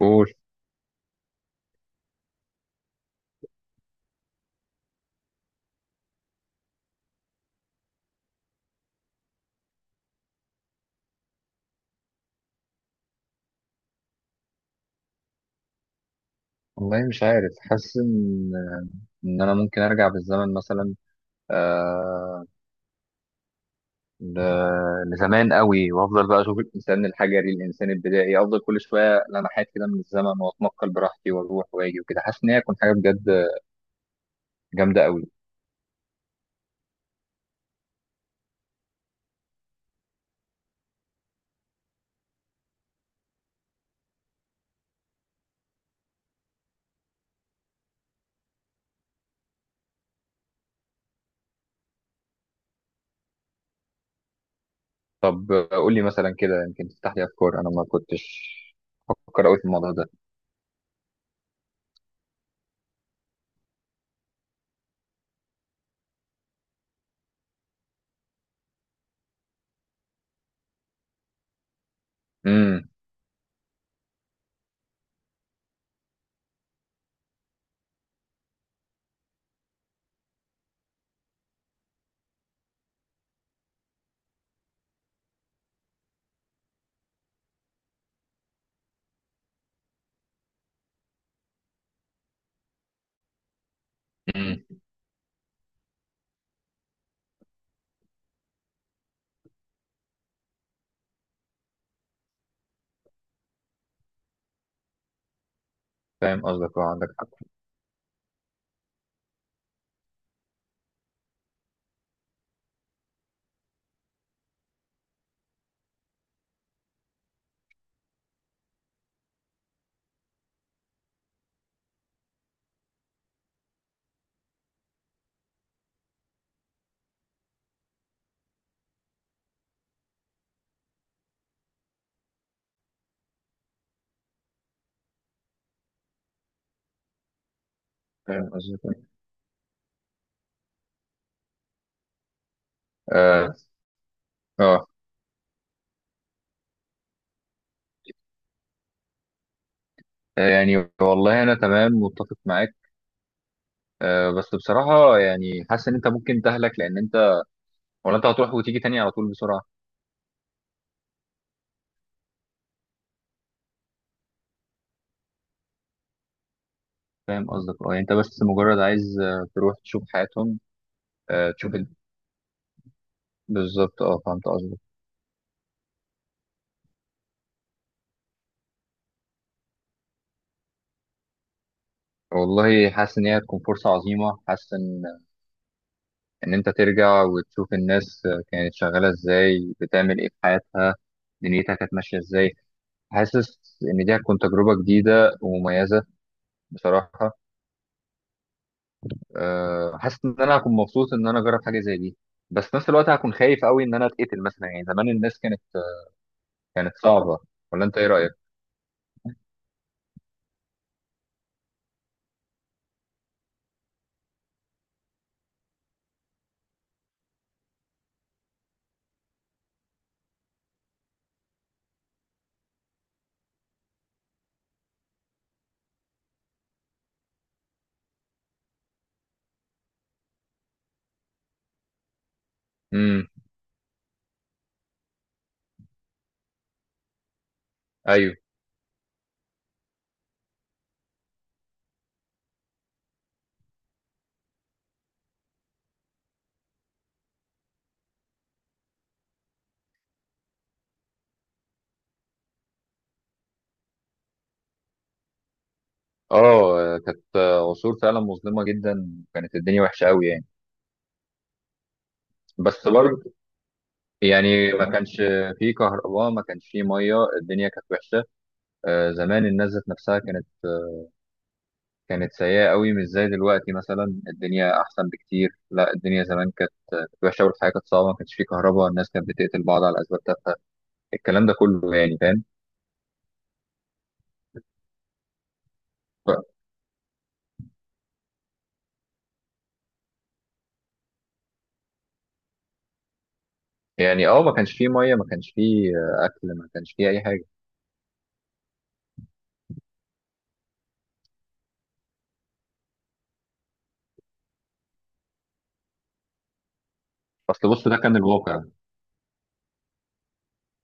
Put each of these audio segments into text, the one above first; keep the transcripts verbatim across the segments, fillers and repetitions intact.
قول. والله مش عارف، حاسس ان ان انا ممكن ارجع بالزمن مثلا، آه ل... لزمان قوي وافضل بقى اشوف الانسان الحجري، الانسان البدائي، افضل كل شويه لمحات كده من الزمن واتنقل براحتي واروح واجي وكده. حاسس ان هي هتكون حاجه بجد جامده قوي. طب قول لي مثلا كده، يمكن تفتح لي افكار انا ما كنتش بفكر قوي في الموضوع ده. امم. امم. فاهم قصدك، اه عندك حق. فاهم قصدك، اه. اه. يعني والله انا تمام متفق معاك. آه، بس بصراحة يعني حاسس إن أنت ممكن تهلك، لأن أنت ولا أنت هتروح وتيجي تاني على طول بسرعة؟ فاهم قصدك، أه. يعني أنت بس مجرد عايز آه، تروح تشوف حياتهم. آه، تشوف ال... بالظبط أه، فهمت قصدك. والله حاسس إن هي هتكون فرصة عظيمة. حاسس إن إن أنت ترجع وتشوف الناس آه، كانت شغالة إزاي، بتعمل إيه في حياتها، دنيتها كانت ماشية إزاي. حاسس إن دي هتكون تجربة جديدة ومميزة بصراحة. آه، حاسس ان انا هكون مبسوط ان انا اجرب حاجه زي دي، بس في نفس الوقت هكون خايف قوي ان انا اتقتل مثلا. يعني زمان الناس كانت كانت صعبه. ولا انت ايه رايك؟ امم. ايوه. اه، كانت عصور فعلا مظلمه جدا، كانت الدنيا وحشه قوي يعني. بس برضه يعني ما كانش في كهرباء، ما كانش في ميه، الدنيا كانت وحشه. آه، زمان الناس ذات نفسها كانت كانت سيئه قوي، مش زي دلوقتي. مثلا الدنيا احسن بكتير، لا الدنيا زمان كانت وحشه والحياه كانت صعبه، ما كانش في كهرباء، الناس كانت بتقتل بعض على اسباب تافهه، الكلام ده كله يعني، فاهم. ف- يعني اه ما كانش فيه ميه، ما كانش فيه آه، اكل، ما كانش فيه اي حاجه. اصل بص، ده كان الواقع،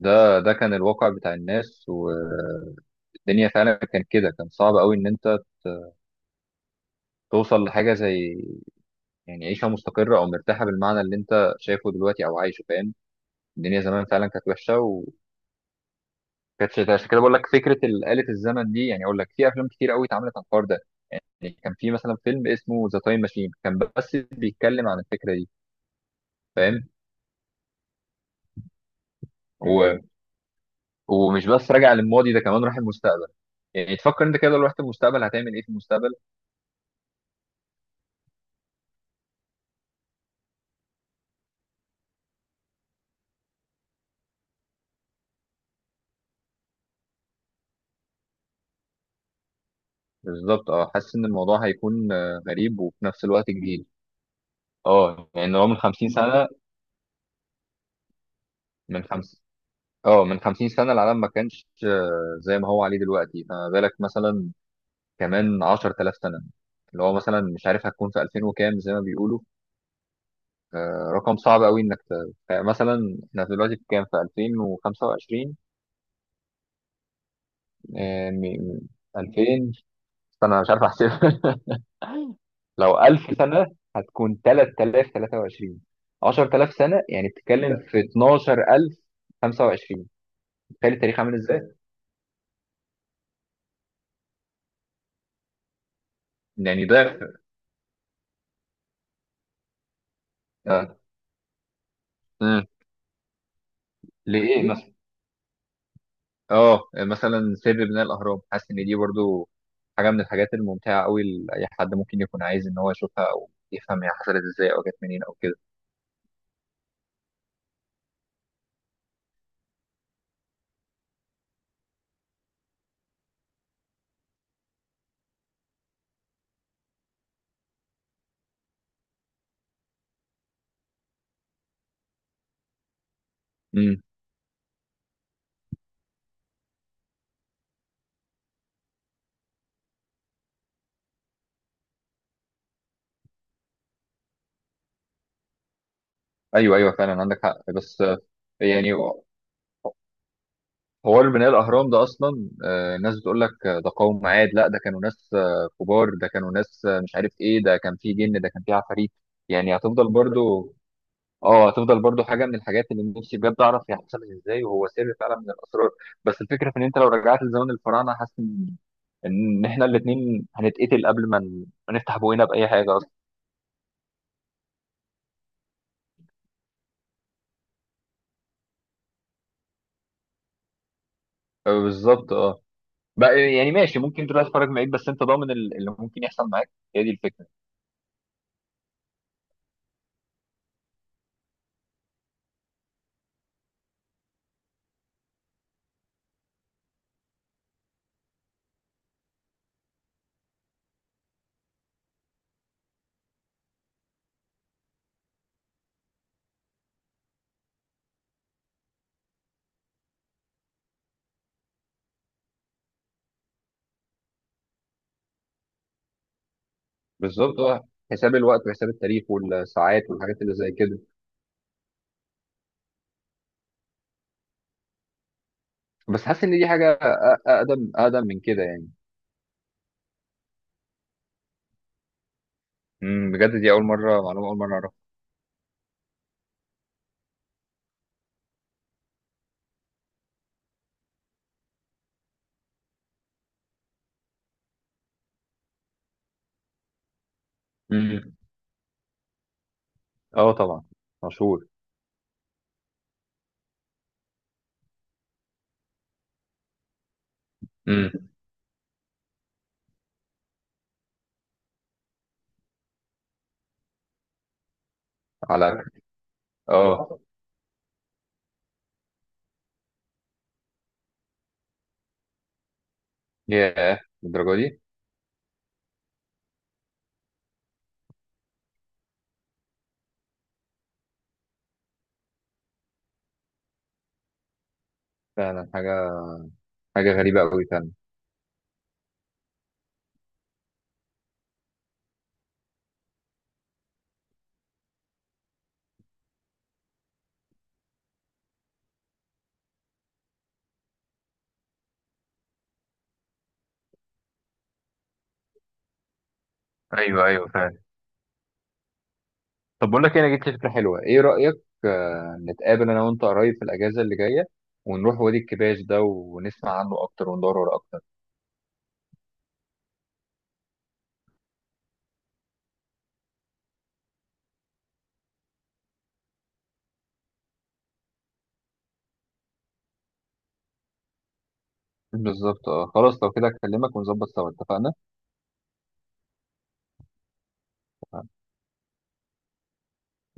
ده ده كان الواقع بتاع الناس والدنيا فعلا. كان كده، كان صعب قوي ان انت توصل لحاجه زي، يعني عيشه مستقره او مرتاحه بالمعنى اللي انت شايفه دلوقتي او عايشه، فاهم. الدنيا زمان فعلا كانت وحشه وكانتش ده. عشان كده بقول لك فكره ال- آلة الزمن دي، يعني اقول لك في افلام كتير قوي اتعملت عن الحوار ده. يعني كان في مثلا فيلم اسمه ذا تايم ماشين، كان بس بيتكلم عن الفكره دي، فاهم. و ومش بس راجع للماضي، ده كمان راح المستقبل. يعني تفكر انت كده، لو رحت المستقبل هتعمل ايه في المستقبل؟ بالظبط اه، حاسس ان الموضوع هيكون آه، غريب وفي نفس الوقت جديد. اه يعني هو من 50 سنة، من خمس اه من 50 سنة العالم ما كانش آه، زي ما هو عليه دلوقتي، فما بالك مثلا كمان 10000 سنة، اللي هو مثلا مش عارف هتكون في ألفين وكام زي ما بيقولوا. آه، رقم صعب قوي انك ت- مثلا احنا دلوقتي في كام؟ في ألفين وخمسة وعشرين. آه، م- م- ألفين، استنى أنا مش عارف احسب. لو 1000 سنة هتكون ثلاثة آلاف وثلاثة وعشرين. عشر آلاف سنة يعني بتتكلم في اتناشر ألف وخمسة وعشرين. تخيل التاريخ عامل ازاي؟ يعني ده. آه. امم. لإيه مثلا؟ اه مثلا سر بناء الاهرام، حاسس ان دي برضو حاجه من الحاجات الممتعه قوي لاي حد ممكن يكون عايز ان هو يشوفها، او يفهم هي حصلت ازاي او جت منين او كده. امم. ايوه، ايوه فعلا عندك حق. بس آه، يعني هو اللي بناء الاهرام ده اصلا، آه، الناس بتقول لك آه، ده قوم عاد، لا ده كانوا ناس آه، كبار، ده كانوا ناس آه، مش عارف ايه، ده كان فيه جن، ده كان فيه عفاريت. يعني هتفضل برضو، اه، هتفضل برضو حاجه من الحاجات اللي نفسي بجد اعرف هي حصلت ازاي، وهو سر فعلا من الاسرار. بس الفكره في ان انت لو رجعت لزمن الفراعنه، حاسس ان إن احنا الاثنين هنتقتل قبل ما ن- ما نفتح بوقنا باي حاجه اصلا. آه، بالظبط اه. بقى يعني ماشي، ممكن تروح تتفرج معاك، بس انت ضامن ال- اللي ممكن يحصل معاك؟ هي دي الفكره. بالظبط اه، حساب الوقت وحساب التاريخ والساعات والحاجات اللي زي كده. بس حاسس ان دي حاجه أ- اقدم اقدم من كده يعني. امم. بجد دي اول مره معلومه، اول مره اعرفها. امم. اه طبعا. مشهور. امم. على. اه. ياه، للدرجه دي؟ فعلا حاجه حاجه غريبه قوي فعلا. ايوه، ايوه فعلا. طب بقول لك إيه، انا جبت فكره حلوه، ايه رايك؟ آه، نتقابل انا وانت قريب في الاجازه اللي جايه، ونروح وادي الكباش ده ونسمع عنه اكتر وندور وراه اكتر. بالظبط اه، خلاص لو كده اكلمك ونظبط سوا. اتفقنا.